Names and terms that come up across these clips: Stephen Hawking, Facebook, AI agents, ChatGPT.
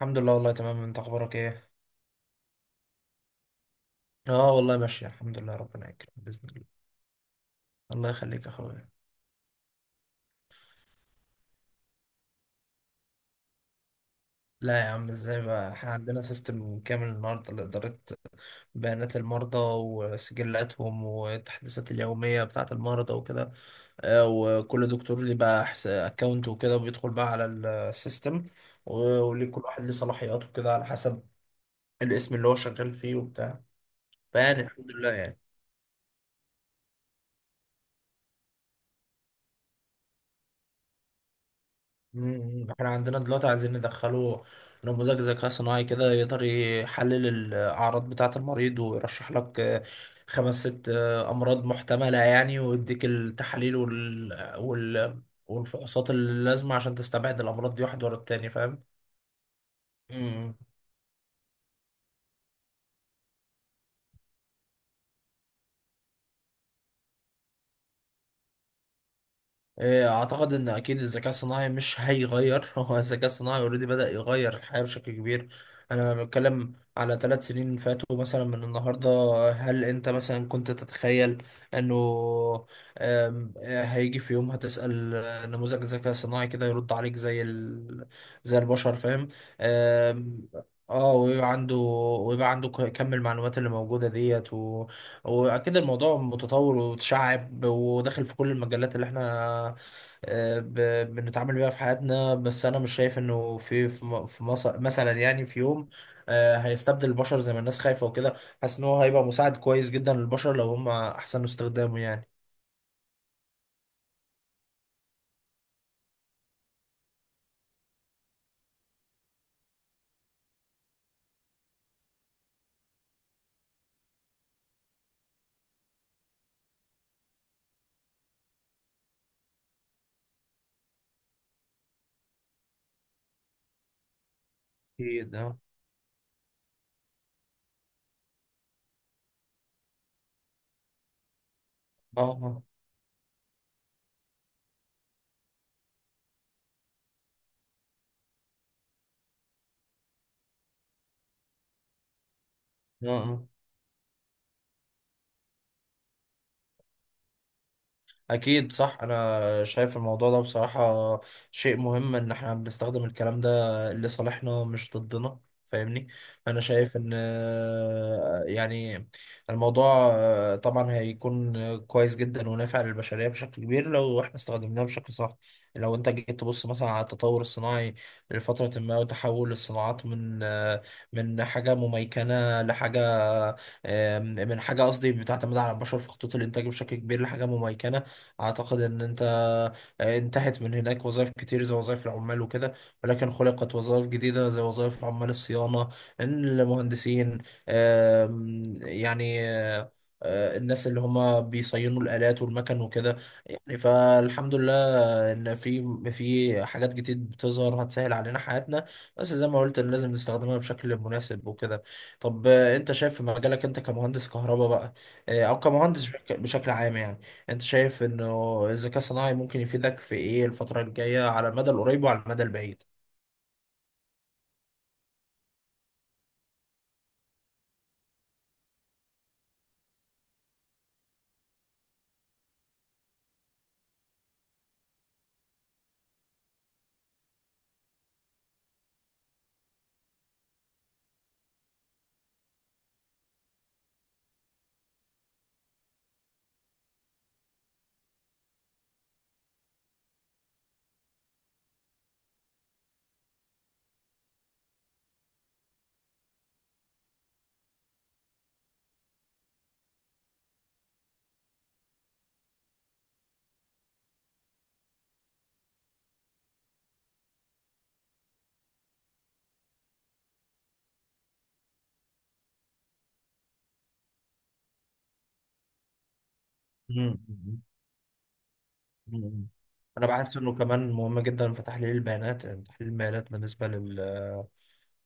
الحمد لله والله تمام، انت اخبارك ايه؟ اه والله ماشية الحمد لله، ربنا يكرم باذن الله. الله يخليك يا اخويا. لا يا عم، ازاي بقى، احنا عندنا سيستم كامل النهارده لإدارة بيانات المرضى وسجلاتهم والتحديثات اليومية بتاعة المرضى وكده. اه، وكل دكتور ليه بقى اكونت وكده وبيدخل بقى على السيستم، وليه كل واحد ليه صلاحياته كده على حسب الاسم اللي هو شغال فيه وبتاع. فيعني الحمد لله يعني. احنا عندنا دلوقتي عايزين ندخله نموذج ذكاء صناعي كده يقدر يحلل الأعراض بتاعة المريض ويرشح لك خمس ست أمراض محتملة يعني، ويديك التحاليل وال... والفحوصات اللازمة عشان تستبعد الأمراض دي واحد ورا التاني، فاهم؟ مم. إيه، اعتقد ان اكيد الذكاء الصناعي مش هيغير هو الذكاء الصناعي اوريدي بدأ يغير الحياة بشكل كبير. انا بتكلم على 3 سنين فاتوا مثلا من النهاردة. هل انت مثلا كنت تتخيل انه آم، آه، هيجي في يوم هتسأل نموذج الذكاء الصناعي كده يرد عليك زي البشر، فاهم؟ آم، اه ويبقى عنده ويبقى عنده كم المعلومات اللي موجودة ديت. واكيد الموضوع متطور وتشعب وداخل في كل المجالات اللي احنا بنتعامل بيها في حياتنا. بس انا مش شايف انه في في م- في مص- مثلا يعني في يوم هيستبدل البشر زي ما الناس خايفة وكده. حاسس ان هو هيبقى مساعد كويس جدا للبشر لو هم احسنوا استخدامه يعني. اكيد، اه، اه، اه، آه. اكيد صح، انا شايف الموضوع ده بصراحة شيء مهم ان احنا بنستخدم الكلام ده لصالحنا مش ضدنا، فاهمني. انا شايف ان يعني الموضوع طبعا هيكون كويس جدا ونافع للبشرية بشكل كبير لو احنا استخدمناه بشكل صح. لو انت جيت تبص مثلا على التطور الصناعي لفترة ما وتحول الصناعات من من حاجة مميكنة لحاجة من حاجة قصدي بتعتمد على البشر في خطوط الانتاج بشكل كبير لحاجة مميكنة. اعتقد ان انتهت من هناك وظائف كتير زي وظائف العمال وكده، ولكن خلقت وظائف جديدة زي وظائف عمال الصيانة، المهندسين، يعني الناس اللي هما بيصينوا الآلات والمكن وكده، يعني فالحمد لله ان في حاجات جديد بتظهر هتسهل علينا حياتنا. بس زي ما قلت لازم نستخدمها بشكل مناسب وكده. طب انت شايف في مجالك، انت كمهندس كهرباء بقى، او كمهندس بشكل عام يعني. انت شايف انه الذكاء الصناعي ممكن يفيدك في ايه الفترة الجاية على المدى القريب وعلى المدى البعيد؟ مم. مم. مم. انا بحس انه كمان مهم جدا في تحليل البيانات، يعني تحليل البيانات بالنسبة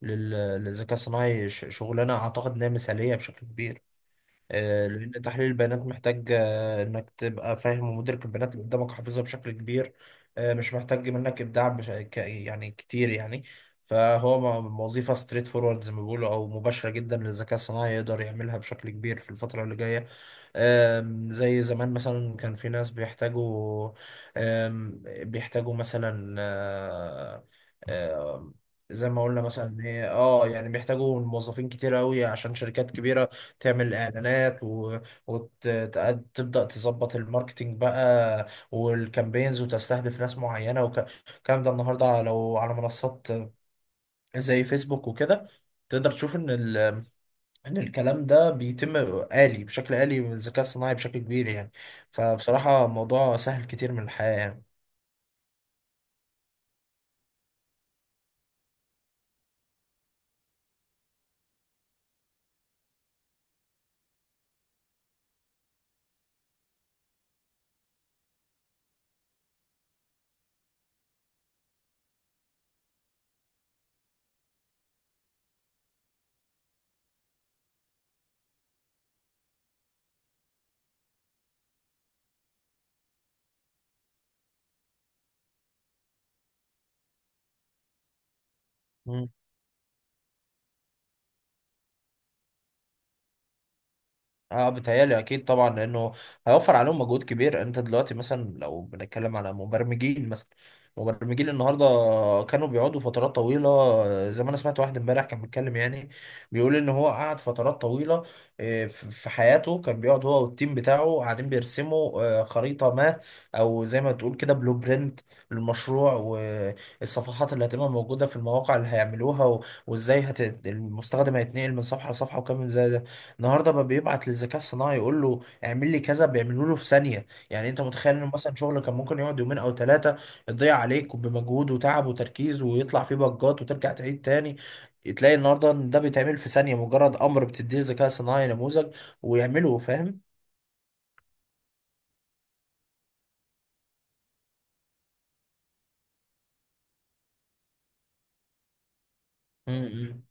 لل- للذكاء الصناعي شغلانة اعتقد انها مثالية بشكل كبير. لأن تحليل البيانات محتاج إنك تبقى فاهم ومدرك البيانات اللي قدامك، حافظها بشكل كبير. مش محتاج منك إبداع يعني كتير يعني. فهو وظيفة ستريت فورورد زي ما بيقولوا أو مباشرة جدا للذكاء الصناعي يقدر يعملها بشكل كبير في الفترة اللي جاية. زي زمان مثلا كان في ناس بيحتاجوا آم، بيحتاجوا مثلا آه، زي ما قلنا مثلا إن هي يعني بيحتاجوا موظفين كتير قوي عشان شركات كبيرة تعمل اعلانات، وتبدأ تظبط الماركتينج بقى والكامبينز وتستهدف ناس معينة والكلام ده. النهارده لو على منصات زي فيسبوك وكده تقدر تشوف ان الكلام ده بيتم آلي، بشكل آلي بالذكاء الصناعي بشكل كبير يعني. فبصراحة الموضوع سهل كتير من الحياة يعني. اه بتهيألي اكيد طبعا، لانه هيوفر عليهم مجهود كبير. انت دلوقتي مثلا لو بنتكلم على مبرمجين مثلا، مبرمجين النهارده كانوا بيقعدوا فترات طويله. زي ما انا سمعت واحد امبارح كان بيتكلم، يعني بيقول ان هو قعد فترات طويله في حياته، كان بيقعد هو والتيم بتاعه قاعدين بيرسموا خريطه ما او زي ما تقول كده بلو برنت للمشروع، والصفحات اللي هتبقى موجوده في المواقع اللي هيعملوها، وازاي المستخدم هيتنقل من صفحه لصفحه وكام زي ده. النهارده بقى بيبعت للذكاء الصناعي يقول له اعمل لي كذا، بيعملوا له في ثانيه يعني. انت متخيل انه مثلا شغل كان ممكن يقعد يومين او ثلاثه، يضيع عليك بمجهود وتعب وتركيز ويطلع فيه بجات وترجع تعيد تاني، تلاقي النهارده ان ده بيتعمل في ثانيه، مجرد امر بتديه الذكاء الصناعي نموذج ويعمله، فاهم؟ امم. امم.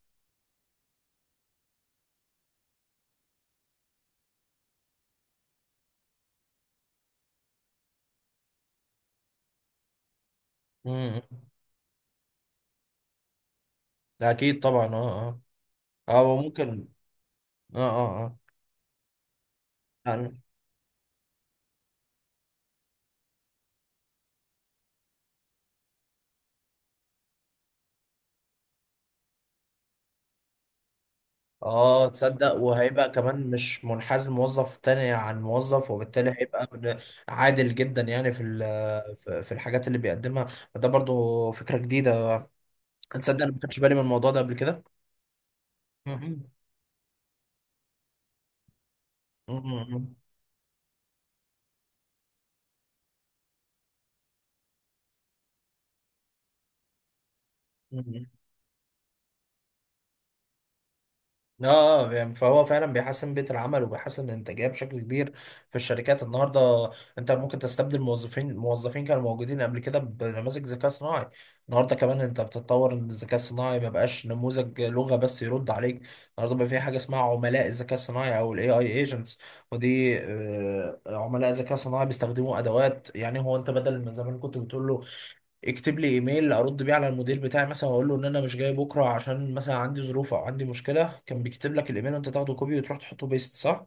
أمم. ده اكيد طبعا، اه، اه. اه وممكن. اه. اه. اه. اه تصدق، وهيبقى كمان مش منحاز موظف تاني عن موظف، وبالتالي هيبقى عادل جدا يعني، في في الحاجات اللي بيقدمها. فده برضو فكرة جديدة، تصدق انا ما خدتش بالي من الموضوع ده قبل كده. مهم. مهم. اه، يعني فهو فعلا بيحسن بيئة العمل وبيحسن الانتاجية بشكل كبير في الشركات النهارده. انت ممكن تستبدل موظفين، موظفين كانوا موجودين قبل كده بنماذج ذكاء صناعي. النهارده كمان انت بتتطور ان الذكاء الصناعي ما بقاش نموذج لغة بس يرد عليك. النهارده بقى في حاجة اسمها عملاء الذكاء الصناعي او الAI agents. ودي عملاء ذكاء صناعي بيستخدموا ادوات، يعني هو انت بدل ما زمان كنت بتقول له يكتب لي ايميل ارد بيه على المدير بتاعي مثلا، واقول له ان انا مش جاي بكره عشان مثلا عندي ظروف او عندي مشكله، كان بيكتب لك الايميل وانت تاخده كوبي وتروح تحطه بيست، صح؟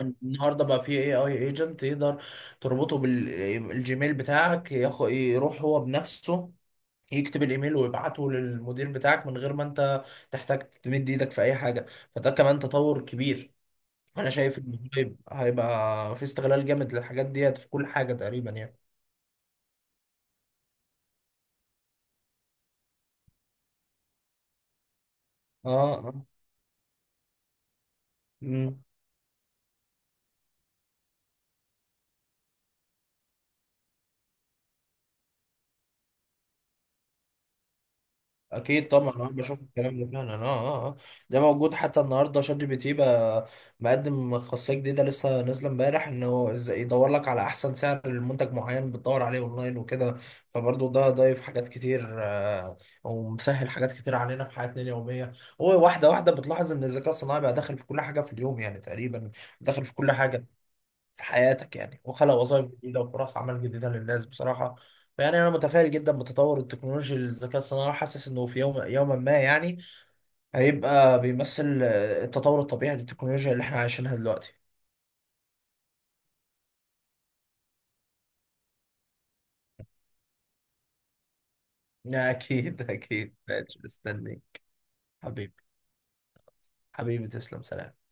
النهارده بقى في AI agent يقدر تربطه بالجيميل بتاعك، يروح هو بنفسه يكتب الايميل ويبعته للمدير بتاعك من غير ما انت تحتاج تمد ايدك في اي حاجه. فده كمان تطور كبير. انا شايف ان هيبقى في استغلال جامد للحاجات ديت في كل حاجه تقريبا يعني. اه، آه. مم. اكيد طبعا، انا بشوف الكلام ده فعلا، اه، اه، آه. ده موجود حتى النهارده. ChatGPT بقى مقدم خاصيه جديده لسه نازله امبارح، انه ازاي يدور لك على احسن سعر لمنتج معين بتدور عليه اونلاين وكده. فبرضه ده ضايف حاجات كتير ومسهل حاجات كتير علينا في حياتنا اليوميه. هو واحده واحده بتلاحظ ان الذكاء الصناعي بقى داخل في كل حاجه في اليوم يعني تقريبا، داخل في كل حاجه في حياتك يعني، وخلق وظائف جديده وفرص عمل جديده للناس بصراحه. فيعني انا متفائل جدا بتطور التكنولوجيا للذكاء الصناعي، وحاسس انه في يوم يوما ما يعني هيبقى بيمثل التطور الطبيعي للتكنولوجيا اللي احنا عايشينها دلوقتي. اكيد، اكيد ماشي، مستني حبيبي. حبيبي تسلم. سلام.